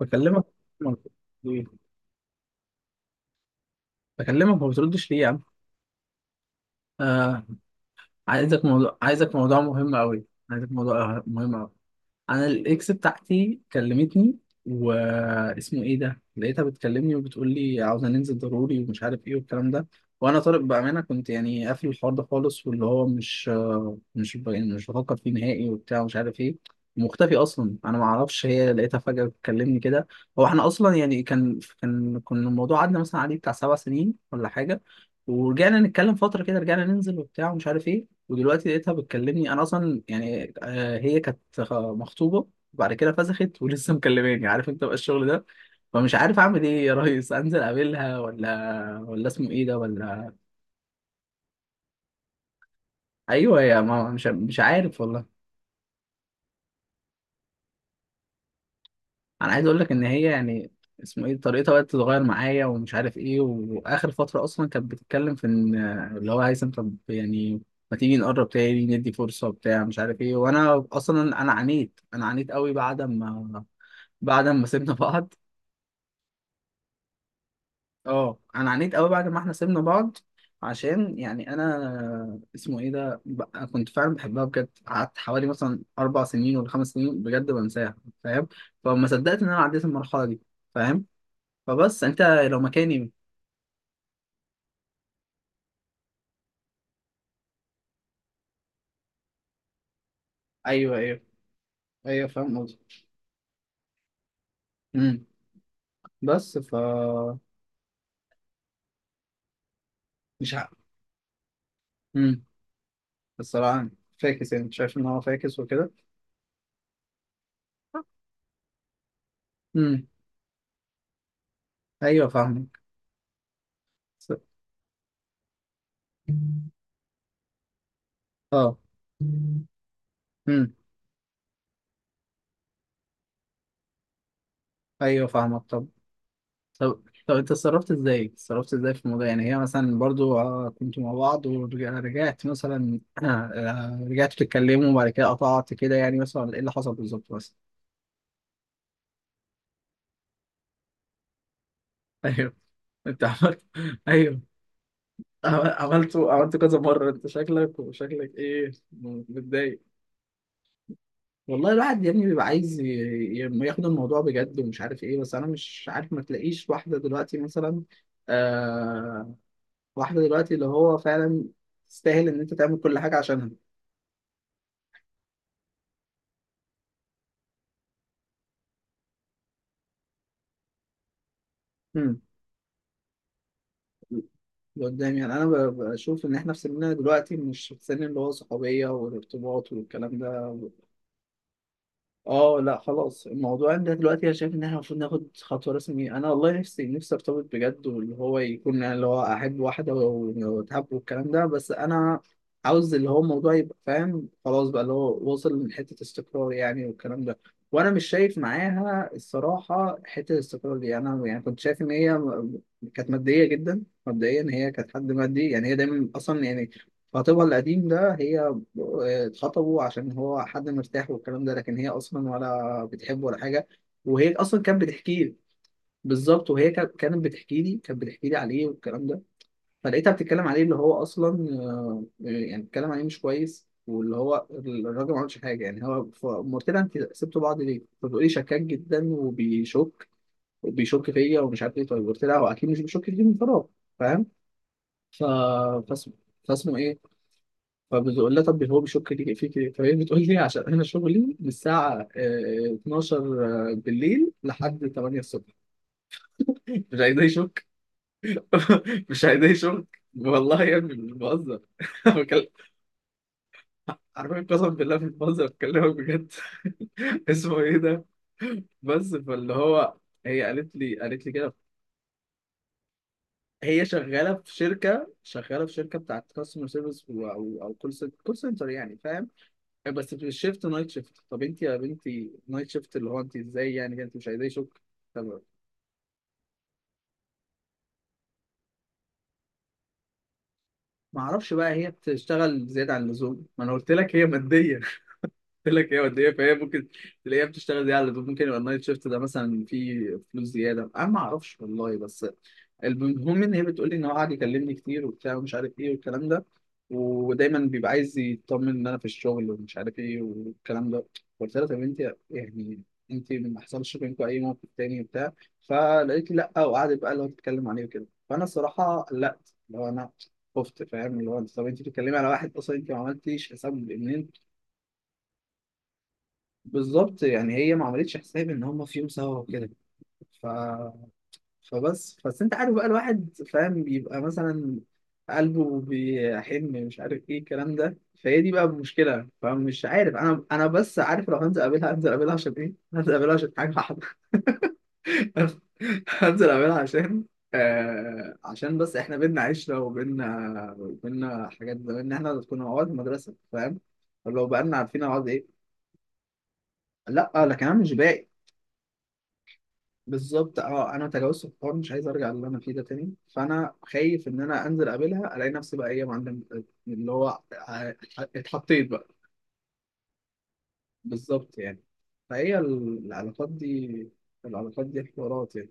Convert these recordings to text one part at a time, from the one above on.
بكلمك ليه؟ بكلمك ما بتردش ليه يا عم؟ آه. عايزك موضوع عايزك موضوع مهم قوي عايزك موضوع مهم قوي. انا الاكس بتاعتي كلمتني. واسمه ايه ده، لقيتها بتكلمني وبتقول لي عاوزه ننزل ضروري ومش عارف ايه والكلام ده. وانا طارق بامانه كنت يعني قافل الحوار ده خالص، واللي هو مش مش ب- يعني مش بفكر فيه نهائي وبتاع ومش عارف ايه، مختفي اصلا، انا ما اعرفش. هي لقيتها فجاه بتكلمني كده. هو احنا اصلا يعني كان الموضوع عدى مثلا عليه بتاع 7 سنين ولا حاجه، ورجعنا نتكلم فتره كده، رجعنا ننزل وبتاع ومش عارف ايه. ودلوقتي لقيتها بتكلمني. انا اصلا يعني هي كانت مخطوبه وبعد كده فسخت ولسه مكلماني. عارف انت بقى الشغل ده. فمش عارف اعمل ايه يا ريس، انزل اقابلها ولا اسمه ايه ده ولا. ايوه يا ما، مش عارف والله. انا عايز اقول لك ان هي يعني اسمه ايه، طريقتها بقت تتغير معايا ومش عارف ايه، واخر فتره اصلا كانت بتتكلم في ان اللي هو هيثم طب يعني ما تيجي نقرب تاني ندي فرصه بتاع مش عارف ايه. وانا اصلا انا عانيت قوي بعد ما سيبنا بعض. اه، انا عانيت قوي بعد ما احنا سيبنا بعض. عشان يعني انا اسمه ايه ده بقى، كنت فعلا بحبها بجد، قعدت حوالي مثلا 4 سنين ولا 5 سنين بجد بنساها، فاهم؟ فما صدقت ان انا عديت المرحله دي، فاهم؟ فبس انت لو مكاني. ايوه، ايوه، ايوه، فاهم قصدي. امم بس ف مش عارف. امم الصراحه يعني فاكس، يعني شايف ان هو فاكس وكده. امم ايوه فاهمك. س- اه. امم ايوه فاهمك. طب طب انت اتصرفت ازاي؟ اتصرفت ازاي في الموضوع؟ يعني هي مثلا برضو كنتوا مع بعض ورجعت مثلا رجعتوا تتكلموا وبعد كده قطعت كده، يعني مثلا ايه اللي حصل بالظبط مثلا؟ ايوه، انت عملت ايوه، عملته كذا مرة، انت شكلك، وشكلك ايه متضايق؟ والله الواحد يا ابني بيبقى عايز ياخد الموضوع بجد ومش عارف ايه، بس انا مش عارف، ما تلاقيش واحدة دلوقتي مثلا آه واحدة دلوقتي اللي هو فعلا تستاهل ان انت تعمل كل حاجة عشانها. مم. قدام يعني انا بشوف ان احنا في سننا دلوقتي مش في السن اللي هو صحوبيه والارتباط والكلام ده. اه لا، خلاص الموضوع ده دلوقتي، انا شايف ان احنا المفروض ناخد خطوه رسميه. انا والله نفسي، نفسي ارتبط بجد، واللي هو يكون يعني اللي هو احب واحده واتحب والكلام ده. بس انا عاوز اللي هو الموضوع يبقى، فاهم، خلاص بقى اللي هو وصل لحته استقرار يعني والكلام ده. وانا مش شايف معاها الصراحه حته الاستقرار دي. انا يعني كنت شايف ان هي كانت ماديه جدا. مبدئيا هي كانت حد مادي، يعني هي دايما اصلا يعني خطيبها القديم ده، هي اتخطبوا عشان هو حد مرتاح والكلام ده، لكن هي اصلا ولا بتحبه ولا حاجه. وهي اصلا كانت بتحكي لي. بالظبط، وهي كانت بتحكي لي عليه والكلام ده. فلقيتها بتتكلم عليه اللي هو اصلا يعني بتتكلم عليه مش كويس، واللي هو الراجل ما عملش حاجه يعني. هو فقام قلت لها انت سبتوا بعض ليه؟ فبتقول لي شكاك جدا وبيشك فيا ومش عارف ايه. طيب قلت لها هو اكيد مش بيشك فيك من فراغ، فاهم؟ ف... فاسمه فاسمه ايه، فبتقول لها طب هو بيشك لي فيك ايه؟ فهي بتقول لي عشان انا شغلي من الساعه 12 بالليل لحد 8 الصبح، مش عايزاه يشك. مش عايزاه يشك. والله يا ابني مش بهزر. بكلم- عارفين، قسم بالله مش بهزر، بكلمك بجد. اسمه ايه ده؟ بس فاللي هو هي قالت لي كده. هي شغاله في شركه بتاعت كاستمر سيرفيس او كول سنتر يعني، فاهم؟ بس في الشيفت نايت شيفت. طب انت يا بنتي نايت شيفت اللي هو انت ازاي يعني؟ انت مش عايزاه يشك؟ طب ما اعرفش بقى، هي بتشتغل زياده عن اللزوم، ما انا قلت لك هي ماديه. قلت لك هي وديه، فهي ممكن تلاقيها بتشتغل زياده على اللابتوب. ممكن يبقى النايت شيفت ده مثلا فيه فلوس زياده، انا ما اعرفش والله. بس المهم ان هي بتقول لي ان هو قاعد يكلمني كتير وبتاع ومش عارف ايه والكلام ده. ودايما بيبقى عايز يطمن ان انا في الشغل ومش عارف ايه والكلام ده. قلت لها طب انت يعني انت ما حصلش بينكم اي موقف تاني وبتاع؟ فلقيت لي لا، وقعدت بقى اللي هو تتكلم عليه وكده. فانا الصراحه قلقت، اللي هو انا خفت، فاهم؟ اللي هو طب انت بتتكلمي على واحد، اصلا انت ما عملتيش حساب ان. بالظبط يعني هي ما عملتش حساب ان هم في يوم سوا وكده. ف... فبس انت عارف بقى، الواحد فاهم بيبقى مثلا قلبه بيحن، مش عارف ايه الكلام ده. فهي دي بقى المشكله. فمش عارف انا بس عارف لو هنزل اقابلها هنزل اقابلها عشان ايه. هنزل اقابلها عشان حاجه واحده. هنزل اقابلها عشان عشان بس احنا بينا عشره، وبينا حاجات زمان ان احنا كنا مع بعض في المدرسه، فاهم؟ لو بقالنا عارفين بعض ايه. لا لكن انا مش باقي. بالظبط، اه، انا تجاوزت الحوار، مش عايز ارجع للي انا فيه ده تاني. فانا خايف ان انا انزل اقابلها الاقي نفسي بقى هي معلم، اللي هو اتحطيت بقى. بالظبط يعني فهي العلاقات دي حوارات يعني.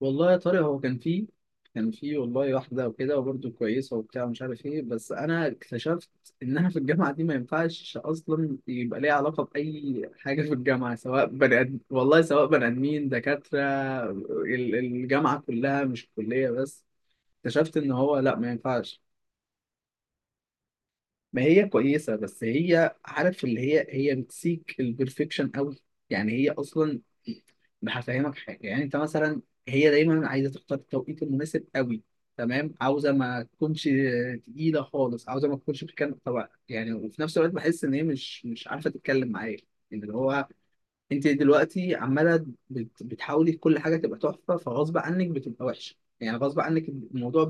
والله يا طارق هو كان فيه والله واحدة وكده، وبرده كويسة وبتاع مش عارف ايه، بس أنا اكتشفت إنها في الجامعة دي ما ينفعش أصلا يبقى ليها علاقة بأي حاجة في الجامعة، سواء بني آدم والله سواء بني آدمين دكاترة. الجامعة كلها مش الكلية بس. اكتشفت إن هو لأ، ما ينفعش. ما هي كويسة، بس هي، عارف اللي هي بتسيك البرفكشن قوي، يعني هي أصلا، هفهمك حاجة، يعني أنت مثلا، هي دايما عايزة تختار التوقيت المناسب قوي تمام، عاوزة ما تكونش تقيلة خالص، عاوزة ما تكونش بتتكلم طبعا يعني، وفي نفس الوقت بحس إن هي مش عارفة تتكلم معايا. يعني اللي هو أنت دلوقتي عمالة بتحاولي كل حاجة تبقى تحفة، فغصب عنك بتبقى وحشة يعني، غصب عنك الموضوع.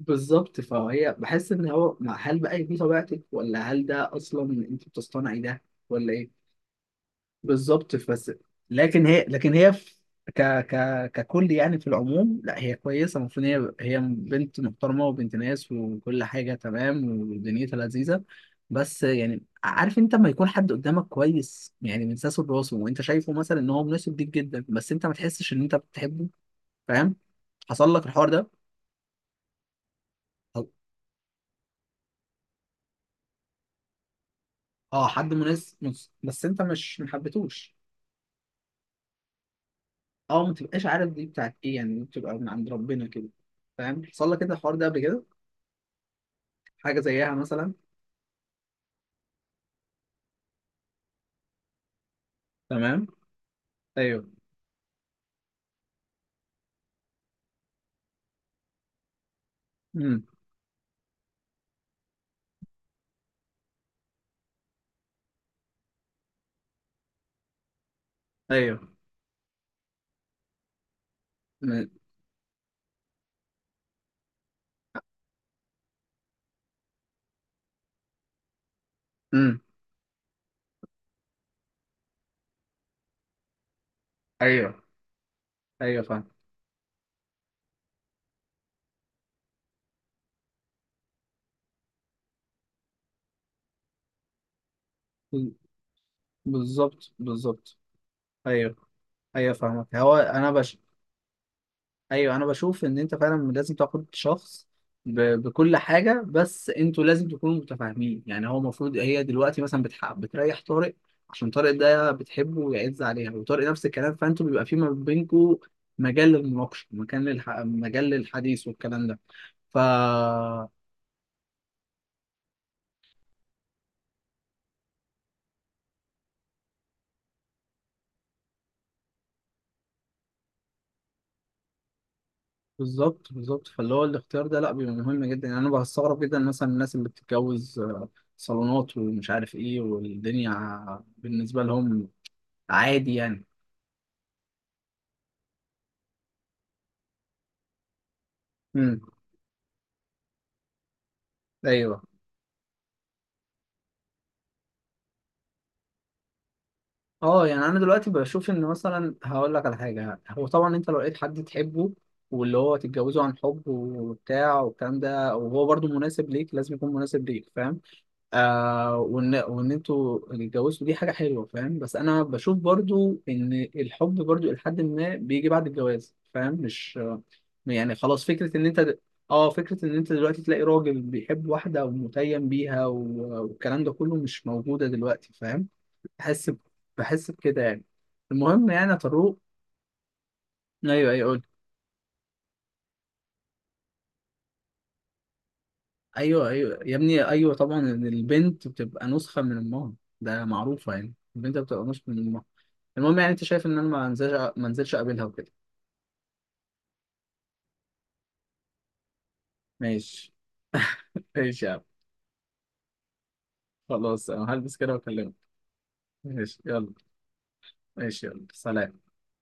بالظبط، فهي بحس ان هو هل بقى دي طبيعتك، ولا هل ده اصلا انت بتصطنعي ده، ولا ايه؟ بالظبط، بس لكن هي في ك ك ككل يعني، في العموم لا هي كويسه، المفروض، هي بنت محترمه وبنت ناس وكل حاجه تمام ودنيتها لذيذه. بس يعني عارف انت لما يكون حد قدامك كويس يعني من ساسه لراسه، وانت شايفه مثلا ان هو مناسب ليك جدا، بس انت ما تحسش ان انت بتحبه، فاهم؟ حصل لك الحوار ده؟ اه، حد مناسب بس انت مش محبتوش. اه، ما تبقاش عارف دي بتاعت ايه يعني، بتبقى من عند ربنا كده، فاهم؟ حصل لك كده الحوار ده قبل كده؟ حاجه زيها مثلا؟ تمام. ايوه. امم. ايوه. امم. ايوه، ايوه، فاهم. بال- بالظبط. ايوه، ايوه، فاهمك. هو انا، ايوه انا بشوف ان انت فعلا لازم تاخد شخص بكل حاجه، بس انتوا لازم تكونوا متفاهمين يعني. هو المفروض هي دلوقتي مثلا بتريح طارق عشان طارق ده بتحبه ويعز عليها، وطارق نفس الكلام، فانتوا بيبقى في ما بينكم مجال للمناقشه، مجال للحديث والكلام ده. ف بالظبط، فاللي هو الاختيار ده لا بيبقى مهم جدا يعني. انا بستغرب جدا مثلا الناس اللي بتتجوز صالونات ومش عارف ايه، والدنيا بالنسبه لهم عادي يعني. ايوه. اه يعني انا دلوقتي بشوف ان، مثلا هقول لك على حاجه، هو طبعا انت لو لقيت حد تحبه واللي هو تتجوزه عن حب وبتاع والكلام ده، وهو برضو مناسب ليك، لازم يكون مناسب ليك، فاهم؟ وان انتوا اتجوزتوا، دي حاجه حلوه، فاهم؟ بس انا بشوف برضو ان الحب برضو لحد ما بيجي بعد الجواز، فاهم؟ مش يعني خلاص فكرة إن أنت فكرة إن أنت دلوقتي تلاقي راجل بيحب واحدة ومتيم بيها والكلام ده كله مش موجودة دلوقتي، فاهم؟ بحس ب... بحس بكده يعني. المهم يعني يا طارق. ايوه، ايوه، قول. ايوه، ايوه يا ابني، ايوه طبعا، ان البنت بتبقى نسخه من امها، ده معروفه يعني، البنت بتبقى نسخه من امها. المهم يعني انت شايف ان انا ما انزلش اقابلها وكده؟ ماشي، ماشي يا عم. خلاص انا هلبس كده واكلمك. ماشي، يلا. ماشي، يلا، سلام.